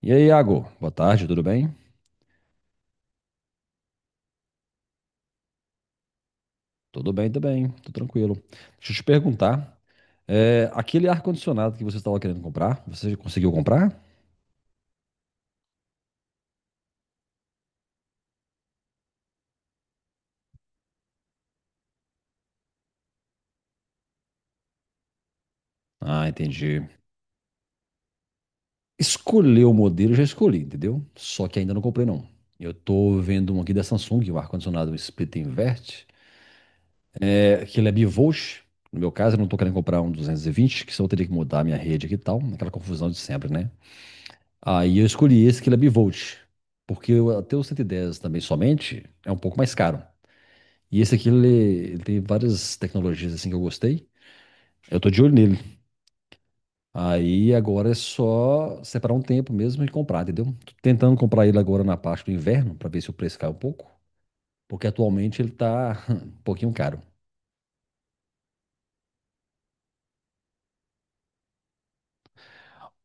E aí, Iago? Boa tarde, tudo bem? Tudo bem também, tô tranquilo. Deixa eu te perguntar, aquele ar-condicionado que você estava querendo comprar, você conseguiu comprar? Ah, entendi. Escolher o modelo, eu já escolhi, entendeu? Só que ainda não comprei, não. Eu tô vendo um aqui da Samsung, o ar-condicionado split invert, que ele é bivolt. No meu caso, eu não tô querendo comprar um 220, que senão eu teria que mudar a minha rede aqui e tal, aquela confusão de sempre, né? Aí eu escolhi esse que ele é bivolt, porque até o 110 também somente é um pouco mais caro. E esse aqui, ele tem várias tecnologias assim que eu gostei. Eu tô de olho nele. Aí agora é só separar um tempo mesmo e comprar, entendeu? Tô tentando comprar ele agora na parte do inverno, pra ver se o preço cai um pouco. Porque atualmente ele tá um pouquinho caro.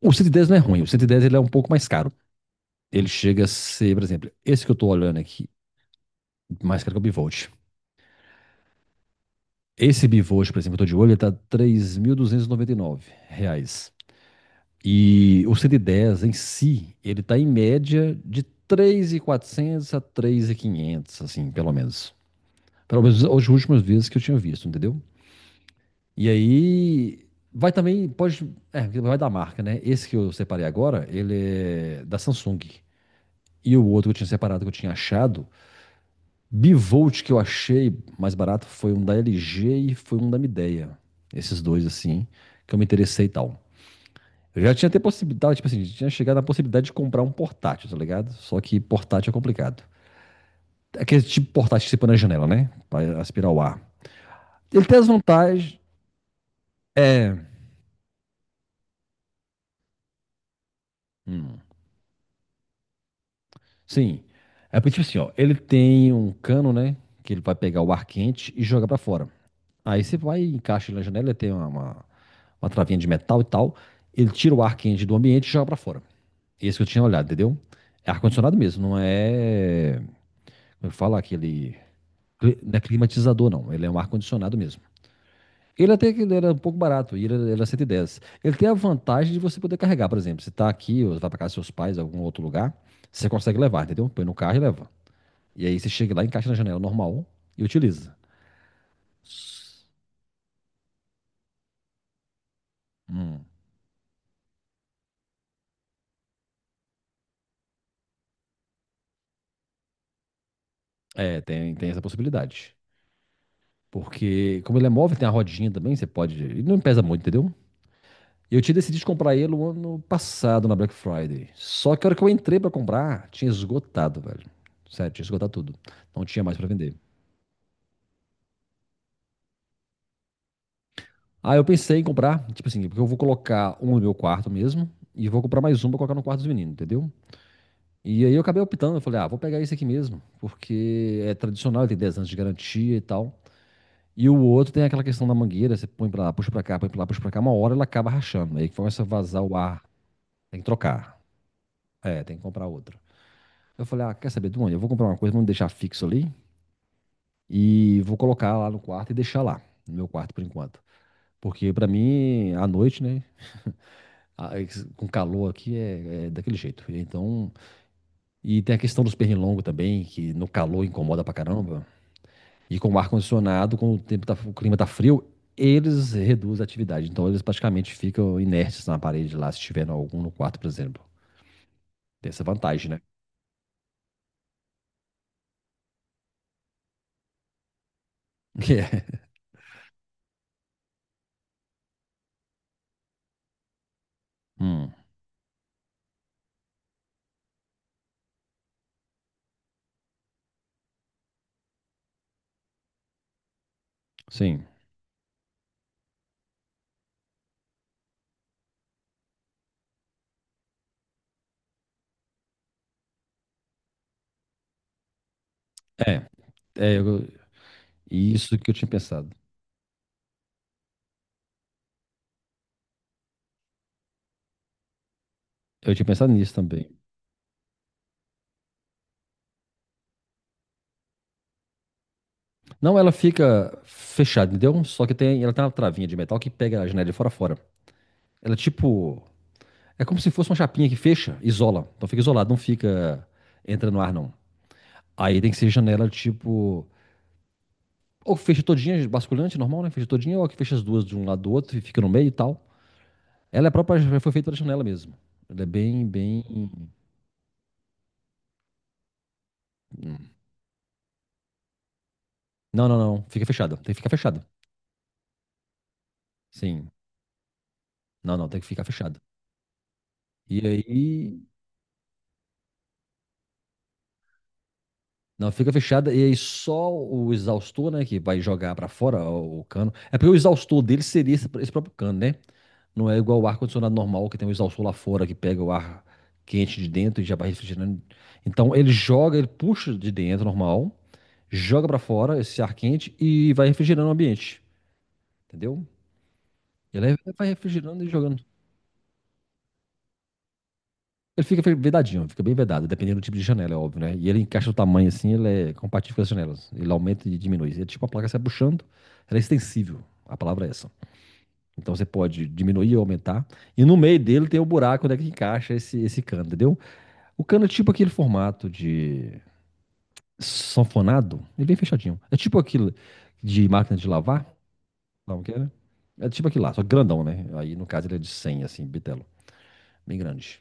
O 110 não é ruim, o 110 ele é um pouco mais caro. Ele chega a ser, por exemplo, esse que eu tô olhando aqui, mais caro que o Bivolt. Esse Bivolt, por exemplo, eu tô de olho, ele tá R$ 3.299 reais. E o 110 em si, ele está em média de 3.400 a 3.500, assim, pelo menos. Pelo menos as últimas vezes que eu tinha visto, entendeu? E aí vai também, pode, vai da marca, né? Esse que eu separei agora, ele é da Samsung. E o outro que eu tinha separado, que eu tinha achado, bivolt que eu achei mais barato foi um da LG e foi um da Midea. Esses dois, assim, que eu me interessei e tal. Eu já tinha até possibilidade, tipo assim, tinha chegado na possibilidade de comprar um portátil, tá ligado? Só que portátil é complicado. É aquele tipo de portátil que você põe na janela, né? Pra aspirar o ar. Ele tem as vantagens. É. Hum, sim. É porque, tipo assim, ó, ele tem um cano, né? Que ele vai pegar o ar quente e jogar pra fora. Aí você vai, e encaixa ele na janela, ele tem uma travinha de metal e tal. Ele tira o ar quente do ambiente e joga pra fora. Esse que eu tinha olhado, entendeu? É ar-condicionado mesmo, não é. Como eu falo, aquele Não é climatizador, não. Ele é um ar-condicionado mesmo. Ele até que ele era um pouco barato, e ele ele era 110. Ele tem a vantagem de você poder carregar, por exemplo, você tá aqui, ou vai para casa dos seus pais, algum outro lugar, você consegue levar, entendeu? Põe no carro e leva. E aí você chega lá, encaixa na janela normal e utiliza. Hum. É, tem essa possibilidade. Porque, como ele é móvel, tem a rodinha também, você pode. Ele não pesa muito, entendeu? Eu tinha decidido comprar ele o ano passado na Black Friday. Só que a hora que eu entrei pra comprar, tinha esgotado, velho. Sério, tinha esgotado tudo. Não tinha mais pra vender. Aí eu pensei em comprar, tipo assim, porque eu vou colocar um no meu quarto mesmo e vou comprar mais um pra colocar no quarto dos meninos, entendeu? E aí eu acabei optando, eu falei, ah, vou pegar esse aqui mesmo, porque é tradicional, ele tem 10 anos de garantia e tal. E o outro tem aquela questão da mangueira, você põe pra lá, puxa pra cá, põe pra lá, puxa pra cá, uma hora ela acaba rachando, aí começa a vazar o ar, tem que trocar. É, tem que comprar outra. Eu falei, ah, quer saber, Duane? Eu vou comprar uma coisa, vamos deixar fixo ali e vou colocar lá no quarto e deixar lá, no meu quarto por enquanto. Porque pra mim, à noite, né, com calor aqui é, é daquele jeito. Então, e tem a questão dos pernilongos também, que no calor incomoda pra caramba. E com o ar-condicionado, quando o tempo tá, o clima tá frio, eles reduzem a atividade. Então, eles praticamente ficam inertes na parede lá, se tiver algum no quarto, por exemplo. Tem essa vantagem, né? Que é. Hum, sim. É, é, isso que eu tinha pensado. Eu tinha pensado nisso também. Não, ela fica fechada, entendeu? Só que tem, ela tem uma travinha de metal que pega a janela de fora a fora. Ela é tipo. É como se fosse uma chapinha que fecha, isola. Então fica isolado, não fica. Entra no ar, não. Aí tem que ser janela tipo. Ou fecha todinha, basculante, normal, né? Fecha todinha, ou que fecha as duas de um lado do outro e fica no meio e tal. Ela é própria, já foi feita pra janela mesmo. Ela é bem, bem. Não, não, não. Fica fechada. Tem que ficar fechada. Sim. Não, não, tem que ficar fechada. E aí Não, fica fechada e aí só o exaustor, né, que vai jogar pra fora o cano. É porque o exaustor dele seria esse próprio cano, né? Não é igual o ar-condicionado normal, que tem um exaustor lá fora que pega o ar quente de dentro e já vai refrigerando. Então ele joga, ele puxa de dentro normal, joga pra fora esse ar quente e vai refrigerando o ambiente, entendeu? Ele vai refrigerando e jogando. Ele fica vedadinho, fica bem vedado, dependendo do tipo de janela, é óbvio, né? E ele encaixa o tamanho assim, ele é compatível com as janelas. Ele aumenta e diminui. É tipo a placa se abuchando, ela é extensível. A palavra é essa. Então você pode diminuir ou aumentar. E no meio dele tem o buraco onde é que encaixa esse cano, entendeu? O cano é tipo aquele formato de sanfonado, ele é bem fechadinho. É tipo aquilo de máquina de lavar, não que é, né? É tipo aquilo lá, só que grandão, né? Aí no caso ele é de 100 assim, bitelo. Bem grande.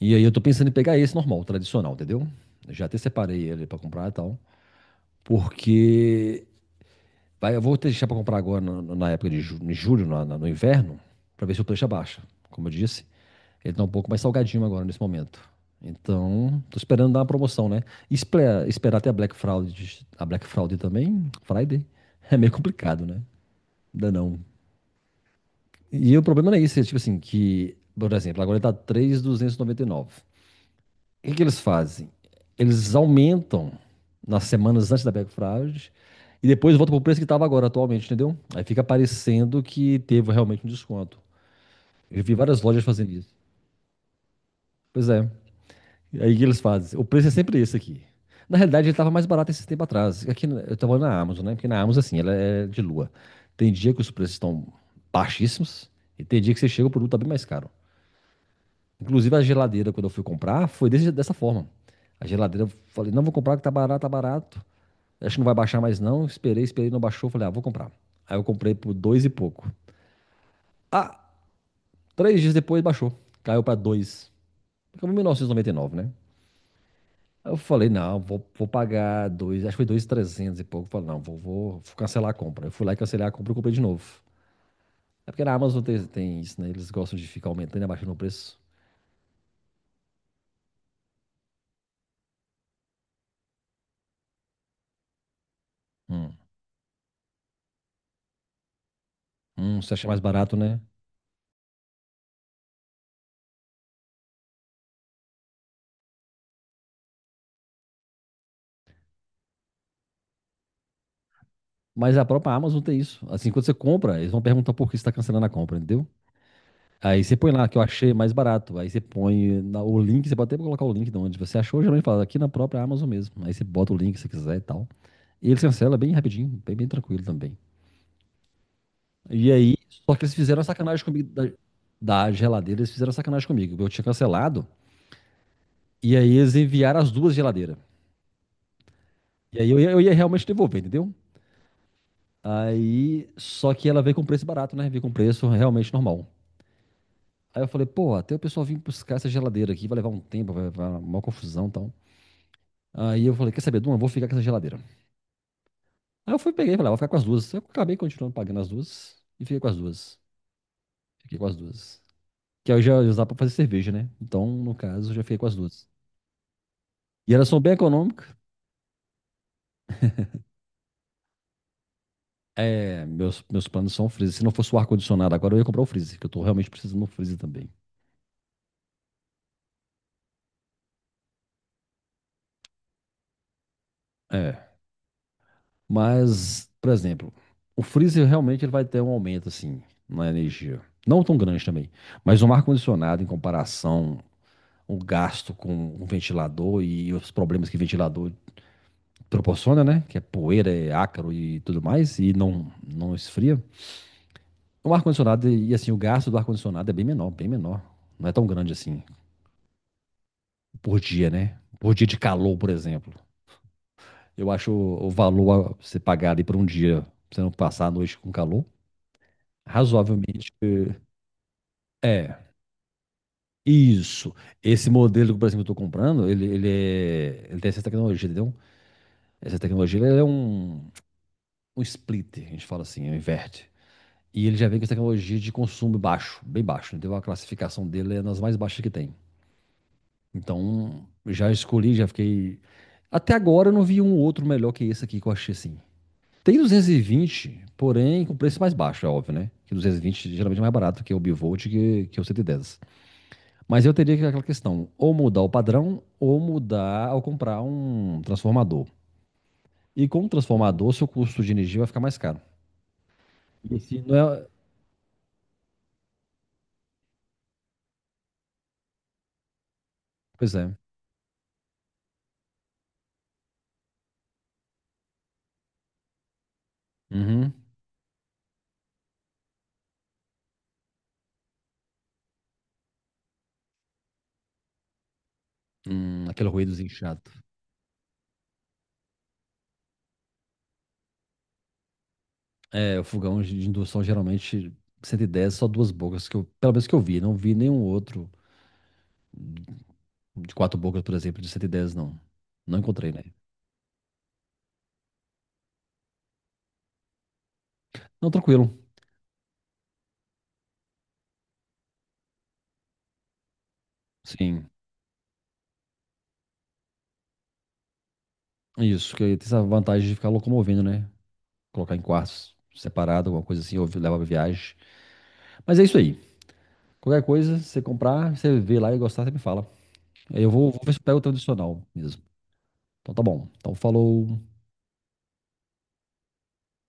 E aí eu tô pensando em pegar esse normal, tradicional, entendeu? Eu já até separei ele pra comprar e tal. Porque vai, eu vou deixar pra comprar agora na época de em julho, no inverno, pra ver se o preço abaixa. Como eu disse, ele tá um pouco mais salgadinho agora nesse momento. Então, tô esperando dar uma promoção, né? Esperar até a Black Friday também, Friday, é meio complicado, né? Ainda não. E o problema não é isso, é tipo assim, que, por exemplo, agora ele tá 3.299. O que que eles fazem? Eles aumentam nas semanas antes da Black Friday e depois volta pro preço que estava agora atualmente, entendeu? Aí fica parecendo que teve realmente um desconto. Eu vi várias lojas fazendo isso. Pois é. E aí o que eles fazem? O preço é sempre esse aqui. Na realidade, ele estava mais barato esse tempo atrás. Aqui eu estava na Amazon, né? Porque na Amazon, assim, ela é de lua. Tem dia que os preços estão baixíssimos e tem dia que você chega o produto tá bem mais caro. Inclusive a geladeira, quando eu fui comprar, foi dessa forma. A geladeira, eu falei, não, vou comprar que tá barato, tá barato. Acho que não vai baixar mais não. Esperei, esperei, não baixou. Falei, ah, vou comprar. Aí eu comprei por dois e pouco. Ah, três dias depois baixou. Caiu pra dois. Ficou em 1.999, né? Aí eu falei, não, vou pagar dois, acho que foi dois trezentos e pouco. Falei, não, vou cancelar a compra. Eu fui lá e cancelei a compra e comprei de novo. É porque na Amazon tem isso, né? Eles gostam de ficar aumentando e abaixando o preço. Hum, você acha mais barato, né? Mas a própria Amazon tem isso. Assim, quando você compra, eles vão perguntar por que você está cancelando a compra, entendeu? Aí você põe lá que eu achei mais barato. Aí você põe o link, você pode até colocar o link de onde você achou, geralmente fala aqui na própria Amazon mesmo. Aí você bota o link se quiser e tal. E eles cancelam bem rapidinho, bem, bem tranquilo também. E aí, só que eles fizeram uma sacanagem comigo da geladeira, eles fizeram uma sacanagem comigo. Eu tinha cancelado, e aí eles enviaram as duas geladeiras. E aí eu ia realmente devolver, entendeu? Aí, só que ela veio com preço barato, né? Veio com preço realmente normal. Aí eu falei, pô, até o pessoal vir buscar essa geladeira aqui, vai levar um tempo, vai dar uma confusão e tal. Aí eu falei, quer saber, Duma, vou ficar com essa geladeira. Aí eu fui, peguei e falei, ah, vou ficar com as duas. Eu acabei continuando pagando as duas e fiquei com as duas. Fiquei com as duas. Que aí eu já usava pra fazer cerveja, né? Então, no caso, eu já fiquei com as duas. E elas são bem econômicas. É, meus planos são o freezer. Se não fosse o ar-condicionado agora, eu ia comprar o freezer, que eu tô realmente precisando do freezer também. É. Mas, por exemplo, o freezer realmente ele vai ter um aumento assim na energia. Não tão grande também, mas um ar-condicionado em comparação o gasto com um ventilador e os problemas que ventilador proporciona, né? Que é poeira, é ácaro e tudo mais, e não, não esfria. O ar-condicionado e assim, o gasto do ar-condicionado é bem menor, bem menor. Não é tão grande assim por dia, né? Por dia de calor, por exemplo. Eu acho o valor a você pagar ali por um dia, pra você não passar a noite com calor, razoavelmente. É, isso. Esse modelo que, por exemplo, eu estou comprando, ele tem essa tecnologia, entendeu? Essa tecnologia ele é um splitter, a gente fala assim, um inverte. E ele já vem com essa tecnologia de consumo baixo, bem baixo, entendeu? A classificação dele é nas mais baixas que tem. Então, já escolhi, já fiquei. Até agora eu não vi um outro melhor que esse aqui que eu achei assim. Tem 220, porém com preço mais baixo, é óbvio, né? Que 220 geralmente é mais barato que o Bivolt que o 110. Mas eu teria que aquela questão, ou mudar o padrão, ou mudar ao comprar um transformador. E com o transformador, seu custo de energia vai ficar mais caro. E se não é... Pois é. Uhum. Aquele ruídozinho chato. É, o fogão de indução geralmente 110, só duas bocas, que eu, pelo menos que eu vi. Não vi nenhum outro de quatro bocas, por exemplo, de 110, não. Não encontrei, né? Não, tranquilo. Sim. Isso, que tem essa vantagem de ficar locomovendo, né? Colocar em quartos separado, alguma coisa assim, ou leva pra viagem. Mas é isso aí. Qualquer coisa, você comprar, você vê lá e gostar, você me fala. Aí eu vou, vou ver se eu pego o tradicional mesmo. Então tá bom. Então falou.